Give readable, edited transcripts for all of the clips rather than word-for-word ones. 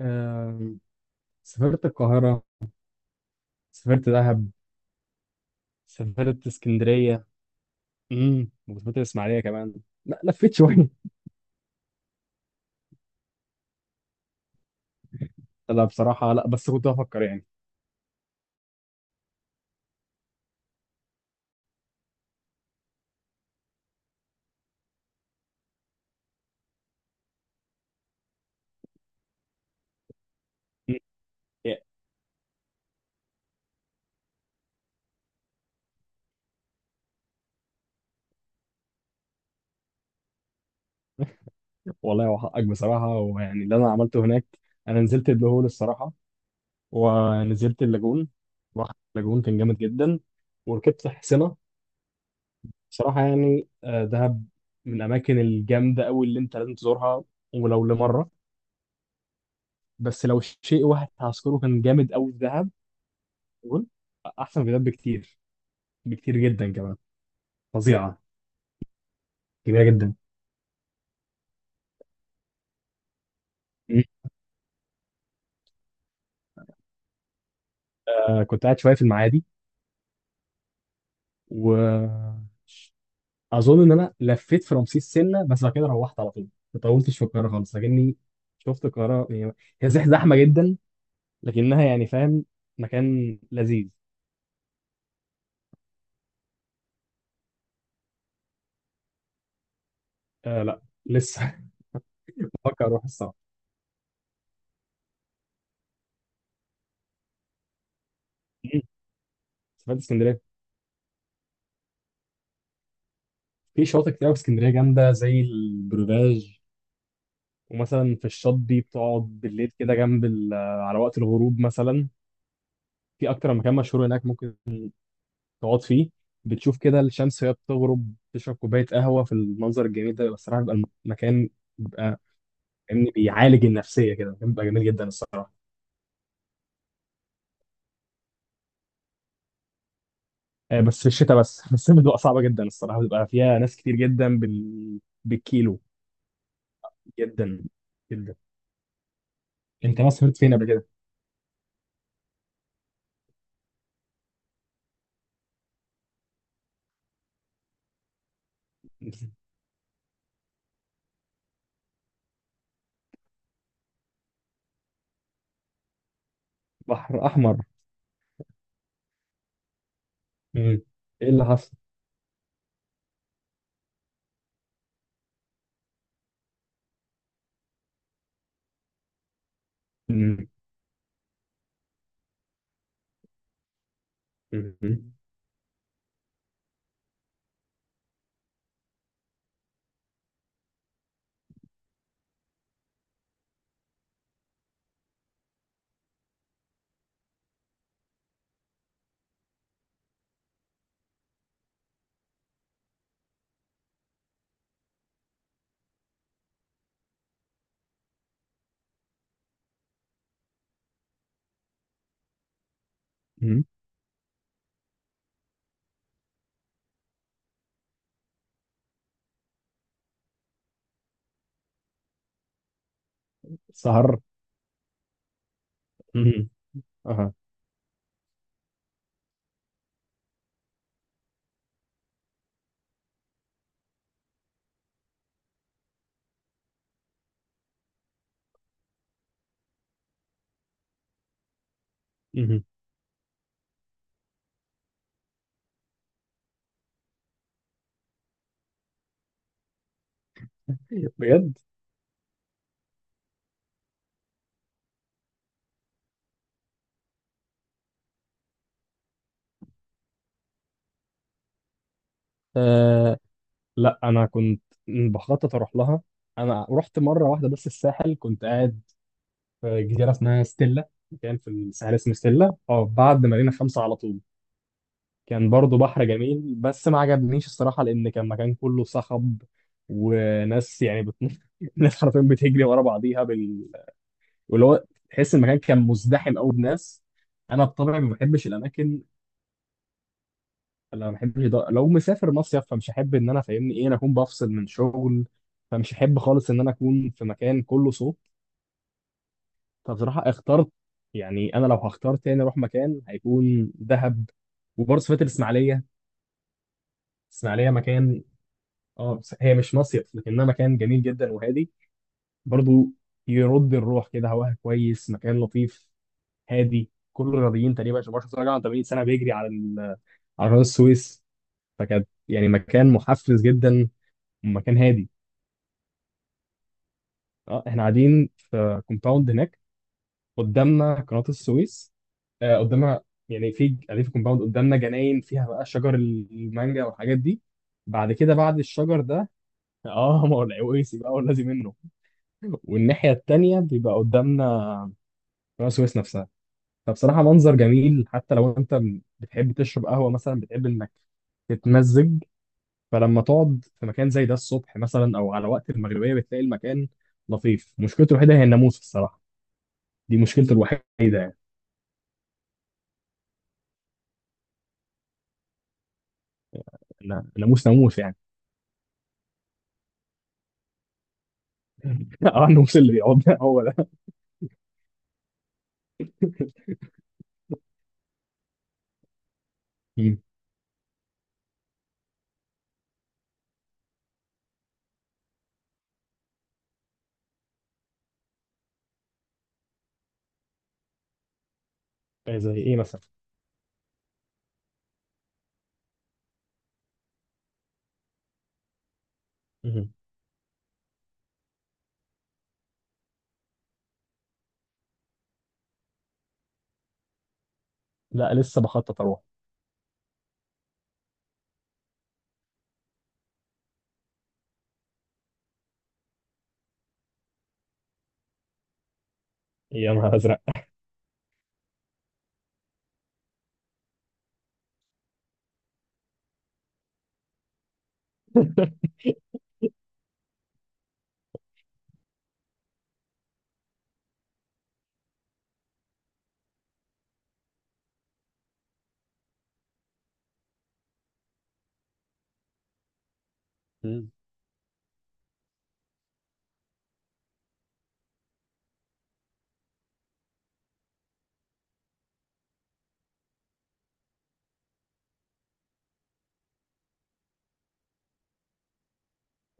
آم، سافرت القاهرة. سافرت دهب. سافرت اسكندرية. وسافرت الإسماعيلية كمان. لا، لفيت شوية. لا، بصراحة لا، بس كنت بفكر يعني. مم. يعني، والله وحقك بصراحة، ويعني اللي أنا عملته هناك. أنا نزلت البلو هول الصراحة، ونزلت اللاجون. رحت اللاجون، كان جامد جدا. وركبت حصينة. بصراحة يعني، دهب من الأماكن الجامدة أوي اللي أنت لازم تزورها ولو لمرة. بس لو شيء واحد هذكره كان جامد أوي في دهب. قول. احسن فيديوهات بكتير. بكتير جدا كمان. فظيعه. جميله جدا. مم. كنت قاعد شويه في المعادي. واظن ان انا لفيت في رمسيس سنه، بس بعد كده روحت على طول. ما طولتش في القاهره خالص، لكني شفت القاهره. يعني هي زحمه جدا، لكنها يعني، فاهم، مكان لذيذ. آه، لا لسه. بفكر اروح الصراحه. مم. سافرت اسكندريه. في شواطئ كتير أوي في اسكندريه جامده، زي البروفاج. ومثلا في الشط دي بتقعد بالليل كده جنب على وقت الغروب مثلا. في اكتر مكان مشهور هناك ممكن تقعد فيه، بتشوف كده الشمس وهي بتغرب، تشرب كوبايه قهوه في المنظر الجميل ده، بيبقى الصراحه بيبقى المكان، بيبقى فاهمني، بيعالج النفسيه كده. المكان بيبقى جميل جدا الصراحه. بس في الشتاء بس. في الصيف بتبقى صعبه جدا الصراحه، بتبقى فيها ناس كتير جدا بالكيلو. جدا جدا. انت ما سافرت فين قبل كده؟ بحر احمر. مم. ايه اللي حصل؟ مم. مم. مم. سهر. مم. اها. مم. بجد؟ لا، انا كنت بخطط اروح لها. انا رحت مره واحده بس، الساحل، كنت قاعد في جزيره اسمها ستيلا، مكان في الساحل اسمه ستيلا، اه بعد مارينا 5 على طول. كان برضو بحر جميل، بس ما عجبنيش الصراحه، لان كان مكان كله صخب وناس يعني ناس حرفيا بتجري ورا بعضيها واللي هو، تحس المكان كان مزدحم قوي بناس. انا بطبعي ما بحبش الاماكن. انا ما بحبش ده. لو مسافر مصيف فمش هحب ان انا، فاهمني، ايه، انا اكون بفصل من شغل، فمش هحب خالص ان انا اكون في مكان كله صوت. فبصراحه اخترت، يعني انا لو هختار تاني اروح مكان هيكون دهب. وبرضه سافرت الاسماعيليه. الاسماعيليه مكان، اه، بس هي مش مصيف، لكنها مكان جميل جدا وهادي، برضه يرد الروح كده، هواها كويس، مكان لطيف هادي. كل الرياضيين تقريبا عشان برشلونه راجع عن 80 سنه بيجري على على قناه السويس. فكانت يعني مكان محفز جدا، ومكان هادي. اه، احنا قاعدين في كومباوند هناك، قدامنا قناة السويس. قدامنا، يعني في قاعدين في كومباوند، قدامنا جناين فيها بقى شجر المانجا والحاجات دي. بعد كده بعد الشجر ده، اه، ما هو العويسي بقى والذي منه، والناحية التانية بيبقى قدامنا قناة السويس نفسها. فبصراحة منظر جميل. حتى لو انت بتحب تشرب قهوة مثلا، بتحب انك تتمزج، فلما تقعد في مكان زي ده الصبح مثلا او على وقت المغربية، بتلاقي المكان لطيف. مشكلته الوحيدة هي الناموس الصراحة، دي مشكلته الوحيده يعني. ناموس، ناموس يعني. اه، الناموس اللي بيقعدنا. هو ده. مم. إيه، زي ايه مثلا؟ مم. لا، لسه بخطط اروح. يا نهار ازرق! مم.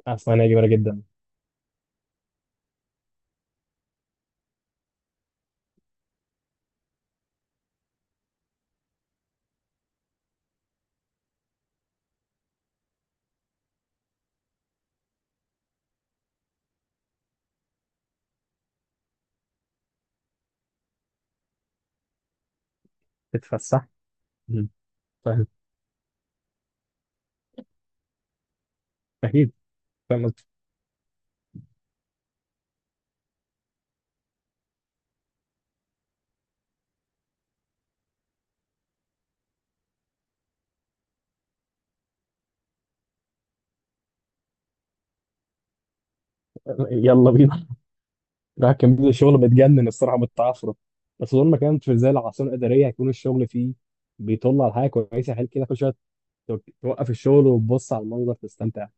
اسمعني، جميله جدا. تتفسح. مم. فاهم. اكيد. فاهم قصدي؟ يلا بينا. راح كان بيبدأ الشغل بتجنن الصراحه من التعثر، بس طول ما كانت في زي العاصمه الاداريه هيكون الشغل فيه بيطل على حاجه كويسه، حلو كده كل شويه توقف الشغل وتبص على المنظر، تستمتع.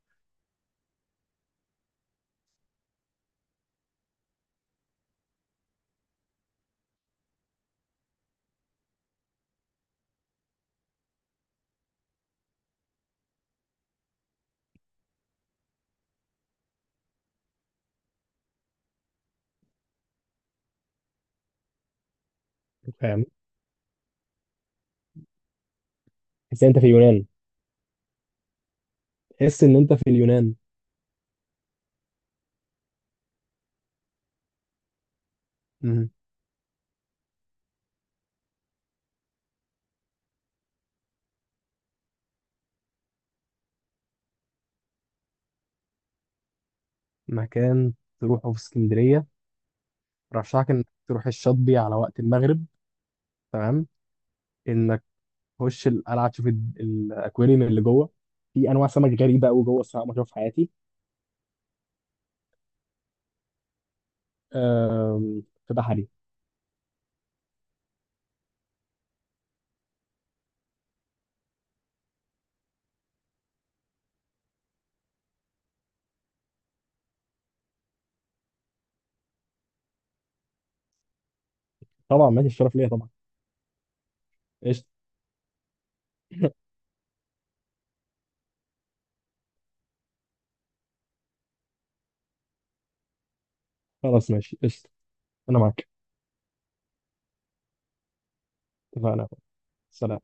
فاهم. تحس ان انت في اليونان. تحس ان انت في اليونان. مكان تروحه في اسكندرية، رشحك إنك تروح الشاطبي على وقت المغرب. تمام، إنك تخش القلعة، تشوف الأكواريوم اللي جوه. في أنواع سمك غريبة أوي جوه، الصراحة ما أشوفها في حياتي. أم، في بحري. طبعا ماشي، الشرف ليا طبعا. قشطة. خلاص ماشي، قشطة. أنا معاك. اتفقنا. سلام.